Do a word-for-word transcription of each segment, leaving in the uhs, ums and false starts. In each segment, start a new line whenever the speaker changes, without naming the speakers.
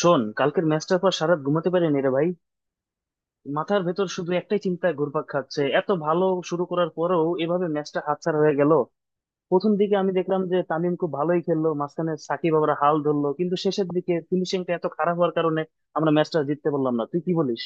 শোন, কালকের ম্যাচটার পর সারাত ঘুমাতে পারিনি রে ভাই। মাথার ভেতর শুধু একটাই চিন্তা ঘুরপাক খাচ্ছে, এত ভালো শুরু করার পরেও এভাবে ম্যাচটা হাতছাড়া হয়ে গেল। প্রথম দিকে আমি দেখলাম যে তামিম খুব ভালোই খেললো, মাঝখানে সাকিব আবার হাল ধরলো, কিন্তু শেষের দিকে ফিনিশিংটা এত খারাপ হওয়ার কারণে আমরা ম্যাচটা জিততে পারলাম না। তুই কি বলিস?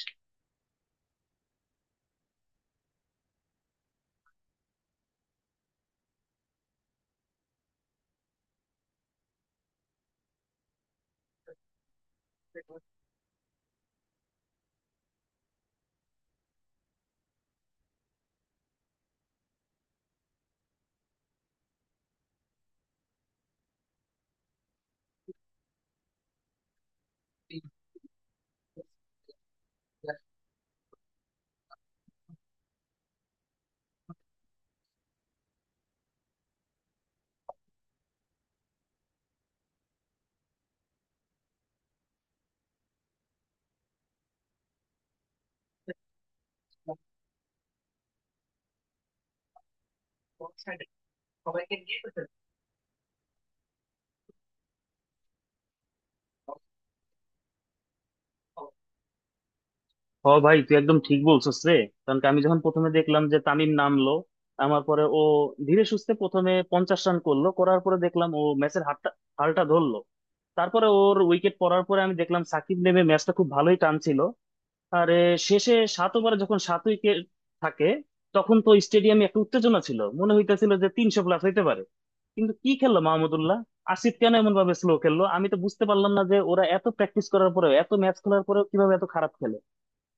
হ ভাই, তুই একদম ঠিক বলছিস রে। কারণ কি, আমি যখন প্রথমে দেখলাম যে তামিম নামলো আমার পরে, ও ধীরে সুস্থে প্রথমে পঞ্চাশ রান করলো, করার পরে দেখলাম ও ম্যাচের হাতটা, হালটা ধরলো। তারপরে ওর উইকেট পড়ার পরে আমি দেখলাম সাকিব নেমে ম্যাচটা খুব ভালোই টানছিল। আর এ, শেষে সাত ওভারে যখন সাত উইকেট থাকে তখন তো স্টেডিয়ামে একটা উত্তেজনা ছিল, মনে হইতেছিল যে তিনশো প্লাস হইতে পারে। কিন্তু কি খেললো মাহমুদুল্লাহ, আসিফ কেন এমন ভাবে স্লো খেললো, আমি তো বুঝতে পারলাম না যে ওরা এত প্র্যাকটিস করার পরেও এত ম্যাচ খেলার পরেও কিভাবে এত খারাপ খেলে।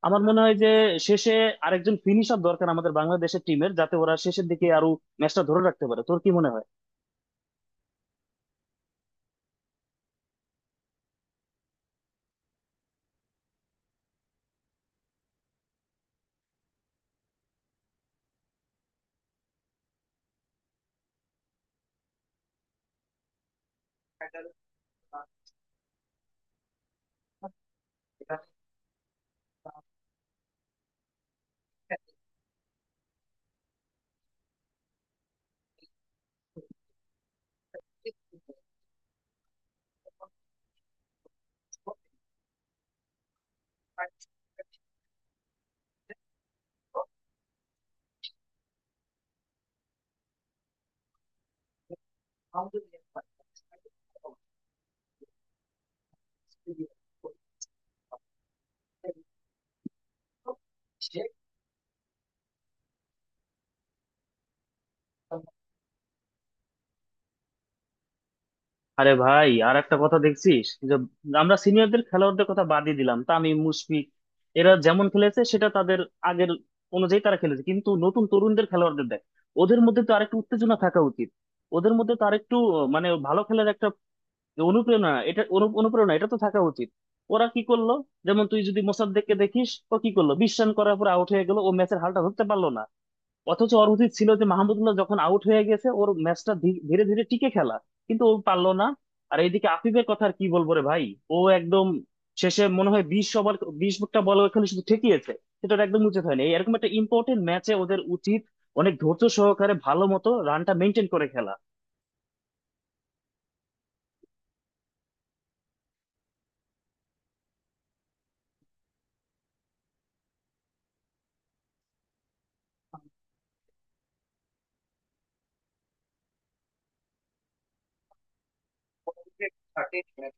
আমার মনে হয় যে শেষে আরেকজন ফিনিশার দরকার আমাদের বাংলাদেশের টিমের, যাতে ওরা শেষের দিকে আরো ম্যাচটা ধরে রাখতে পারে। তোর কি মনে হয়? আরে ভাই, আর একটা কথা দেখছিস যে আমরা সিনিয়রদের খেলোয়াড়দের কথা বাদই দিলাম, তামিম মুশফিক এরা যেমন খেলেছে সেটা তাদের আগের অনুযায়ী তারা খেলেছে, কিন্তু নতুন তরুণদের খেলোয়াড়দের দেখ, ওদের মধ্যে তো আরেকটু উত্তেজনা থাকা উচিত। ওদের মধ্যে তো আরেকটু আহ, মানে ভালো খেলার একটা অনুপ্রেরণা, এটা অনু- অনুপ্রেরণা এটা তো থাকা উচিত। ওরা কি করলো? যেমন তুই যদি মোসাদ্দেককে দেখিস, ও কি করলো, বিশ্রাম করার পর আউট হয়ে গেল, ও ম্যাচের হালটা ধরতে পারলো না। অথচ ওর উচিত ছিল যে মাহমুদুল্লাহ যখন আউট হয়ে গেছে ওর ম্যাচটা ধীরে ধীরে টিকে খেলা, কিন্তু ও পারলো না। আর এইদিকে আফিফের কথা আর কি বলবো রে ভাই, ও একদম শেষে মনে হয় বিশ ওভার, বিশটা বল ওখানে শুধু ঠেকিয়েছে। সেটা ওর একদম উচিত হয়নি, এরকম একটা ইম্পর্টেন্ট ম্যাচে ওদের উচিত অনেক ধৈর্য সহকারে ভালো মতো রানটা মেনটেন করে খেলা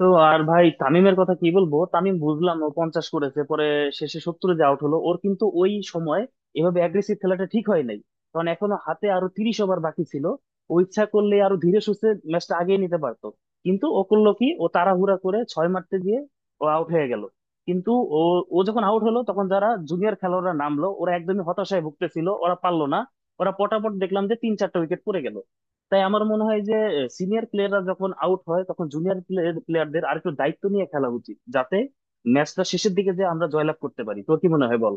তো। আর ভাই, তামিমের কথা কি বলবো, তামিম বুঝলাম ও পঞ্চাশ করেছে, পরে শেষে সত্তরে যে আউট হলো ওর কিন্তু ওই সময় এভাবে অ্যাগ্রেসিভ খেলাটা ঠিক হয় নাই, কারণ এখনো হাতে আরো তিরিশ ওভার বাকি ছিল। ও ইচ্ছা করলে আরো ধীরে সুস্থে ম্যাচটা আগিয়ে নিতে পারতো, কিন্তু ও করলো কি, ও তাড়াহুড়া করে ছয় মারতে গিয়ে ও আউট হয়ে গেল। কিন্তু ও ও যখন আউট হলো তখন যারা জুনিয়র খেলোয়াড়রা নামলো ওরা একদমই হতাশায় ভুগতেছিল, ওরা পারলো না, ওরা পটাপট দেখলাম যে তিন চারটা উইকেট পড়ে গেল। তাই আমার মনে হয় যে সিনিয়র প্লেয়াররা যখন আউট হয় তখন জুনিয়র প্লেয়ারদের আর একটু দায়িত্ব নিয়ে খেলা উচিত, যাতে ম্যাচটা শেষের দিকে যে আমরা জয়লাভ করতে পারি। তোর কি মনে হয় বল।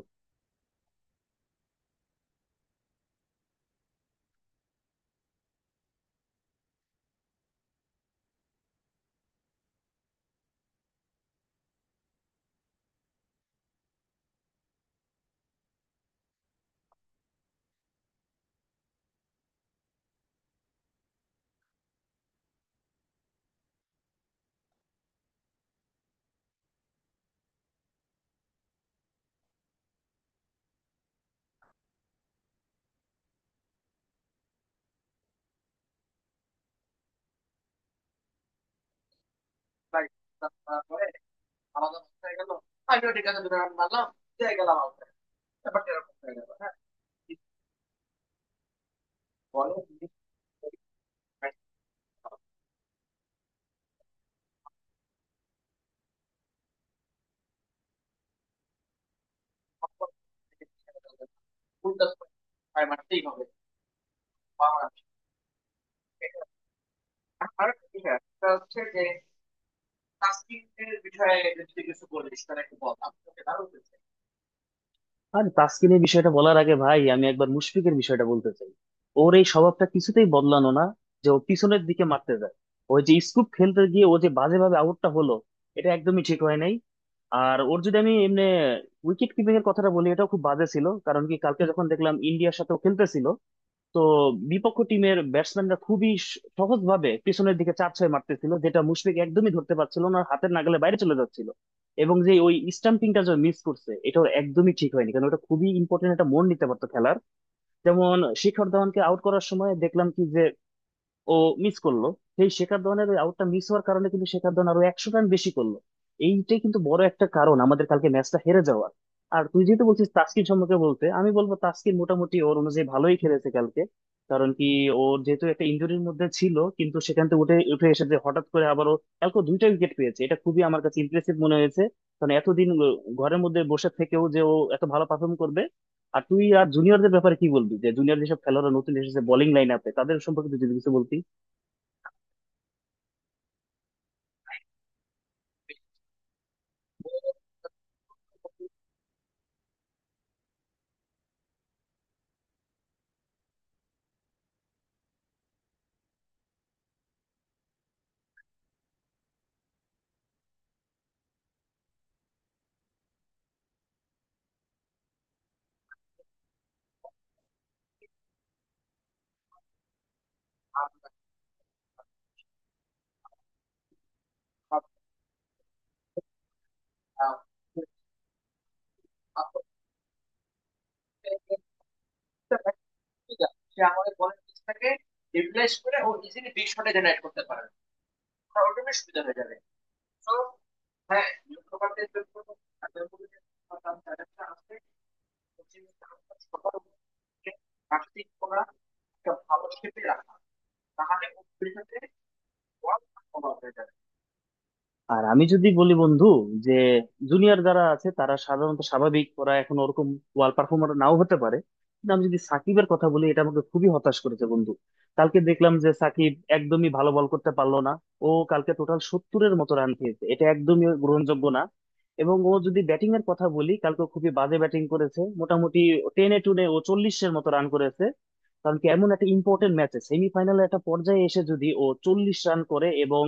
আর তাসকিনের বিষয়টা বলার আগে ভাই আমি একবার মুশফিকের বিষয়টা বলতে চাই। ওর এই স্বভাবটা কিছুতেই বদলানো না, যে ও পিছনের দিকে মারতে যায়। ওই যে স্কুপ খেলতে গিয়ে ও যে বাজেভাবে আউটটা হলো, এটা একদমই ঠিক হয় নাই। আর ওর যদি আমি এমনি উইকেট কিপিং এর কথাটা বলি, এটাও খুব বাজে ছিল, কারণ কি, কালকে যখন দেখলাম ইন্ডিয়ার সাথে ও খেলতেছিল, তো বিপক্ষ টিমের ব্যাটসম্যানরা খুবই সহজ ভাবে পিছনের দিকে চার ছয় মারতেছিল, যেটা মুশফিক একদমই ধরতে পারছিল না, হাতের নাগালে বাইরে চলে যাচ্ছিল। এবং যে ওই স্টাম্পিংটা যে মিস করছে, এটা ওর একদমই ঠিক হয়নি, কারণ ওটা খুবই ইম্পর্টেন্ট একটা মোড় নিতে পারতো খেলার। যেমন শিখর ধাওয়ানকে আউট করার সময় দেখলাম কি যে ও মিস করলো, সেই শেখর ধওয়ানের ওই আউটটা মিস হওয়ার কারণে কিন্তু শেখর ধওয়ান আরো একশো রান বেশি করলো। এইটাই কিন্তু বড় একটা কারণ আমাদের কালকে ম্যাচটা হেরে যাওয়ার। আর তুই যেহেতু বলছিস তাস্কিন সম্পর্কে বলতে, আমি বলবো তাস্কিন মোটামুটি ওর অনুযায়ী ভালোই খেলেছে কালকে। কারণ কি, ওর যেহেতু একটা ইঞ্জুরির মধ্যে ছিল, কিন্তু সেখান থেকে উঠে উঠে এসে যে হঠাৎ করে আবারও কালকে ও দুইটা উইকেট পেয়েছে, এটা খুবই আমার কাছে ইমপ্রেসিভ মনে হয়েছে। কারণ এতদিন ও- ঘরের মধ্যে বসে থেকেও যে ও এত ভালো পারফর্ম করবে। আর তুই আর জুনিয়রদের ব্যাপারে কি বলবি, যে জুনিয়র যেসব খেলোয়াড়রা নতুন এসেছে বোলিং লাইন আপে, তাদের সম্পর্কে তুই যদি কিছু বলতি। আর আমি যদি বলি বন্ধু, যে জুনিয়র যারা আছে তারা সাধারণত স্বাভাবিক, ওরা এখন ওরকম ওয়াল পারফর্মার নাও হতে পারে। কিন্তু আমি যদি সাকিবের কথা বলি, এটা আমাকে খুবই হতাশ করেছে বন্ধু। কালকে দেখলাম যে সাকিব একদমই ভালো বল করতে পারলো না, ও কালকে টোটাল সত্তরের মতো রান খেয়েছে, এটা একদমই গ্রহণযোগ্য না। এবং ও যদি ব্যাটিং এর কথা বলি, কালকে ও খুবই বাজে ব্যাটিং করেছে, মোটামুটি টেনে টুনে ও চল্লিশের মতো রান করেছে। কারণ কি, এমন একটা ইম্পর্টেন্ট ম্যাচে সেমিফাইনালে একটা পর্যায়ে এসে যদি ও চল্লিশ রান করে এবং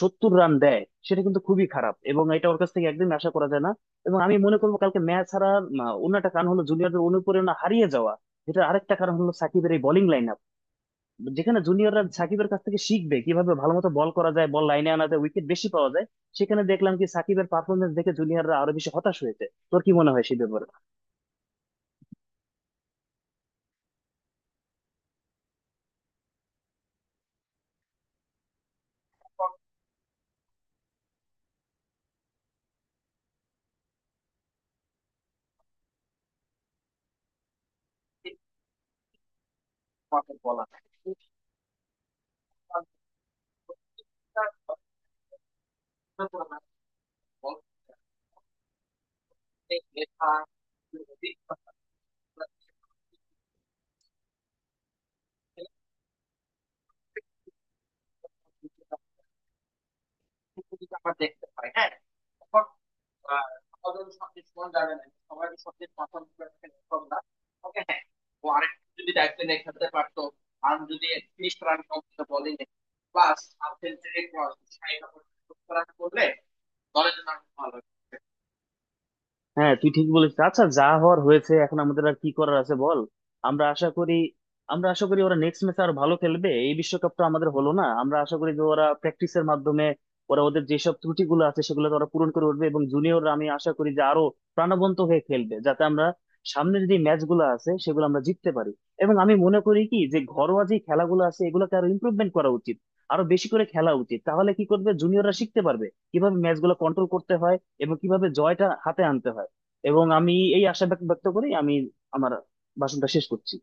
সত্তর রান দেয়, সেটা কিন্তু খুবই খারাপ, এবং এটা ওর কাছ থেকে একদিন আশা করা যায় না। এবং আমি মনে করবো কালকে ম্যাচ হারার আহ, অন্য একটা কারণ হলো জুনিয়রদের অনুপ্রেরণা হারিয়ে যাওয়া। যেটা আরেকটা কারণ হলো সাকিবের এই বোলিং লাইন আপ, যেখানে জুনিয়ররা সাকিবের কাছ থেকে শিখবে কিভাবে ভালো মতো বল করা যায়, বল লাইনে আনা যায়, উইকেট বেশি পাওয়া যায়, সেখানে দেখলাম কি সাকিবের পারফরমেন্স দেখে জুনিয়ররা আরো বেশি হতাশ হয়েছে। তোর কি মনে হয় সেই ব্যাপারে? হ্যাঁ, তুই ঠিক বলেছিস। আচ্ছা, যা হওয়ার হয়েছে, এখন আমাদের আর কি করার আছে বল। আমরা আশা করি, আমরা আশা করি ওরা নেক্সট ম্যাচে আর ভালো খেলবে, এই বিশ্বকাপটা আমাদের হলো না। আমরা আশা করি যে ওরা প্র্যাকটিসের মাধ্যমে ওরা ওদের যেসব ত্রুটিগুলো আছে সেগুলো ওরা পূরণ করে উঠবে, এবং জুনিয়ররা আমি আশা করি যে আরো প্রাণবন্ত হয়ে খেলবে, যাতে আমরা সামনের যে ম্যাচগুলো আছে সেগুলো আমরা জিততে পারি। এবং আমি মনে করি কি যে ঘরোয়া যে খেলাগুলো আছে এগুলোকে আরো ইমপ্রুভমেন্ট করা উচিত, আরো বেশি করে খেলা উচিত, তাহলে কি করবে জুনিয়ররা শিখতে পারবে কিভাবে ম্যাচগুলো কন্ট্রোল করতে হয় এবং কিভাবে জয়টা হাতে আনতে হয়। এবং আমি এই আশা ব্যক্ত ব্যক্ত করেই আমি আমার ভাষণটা শেষ করছি।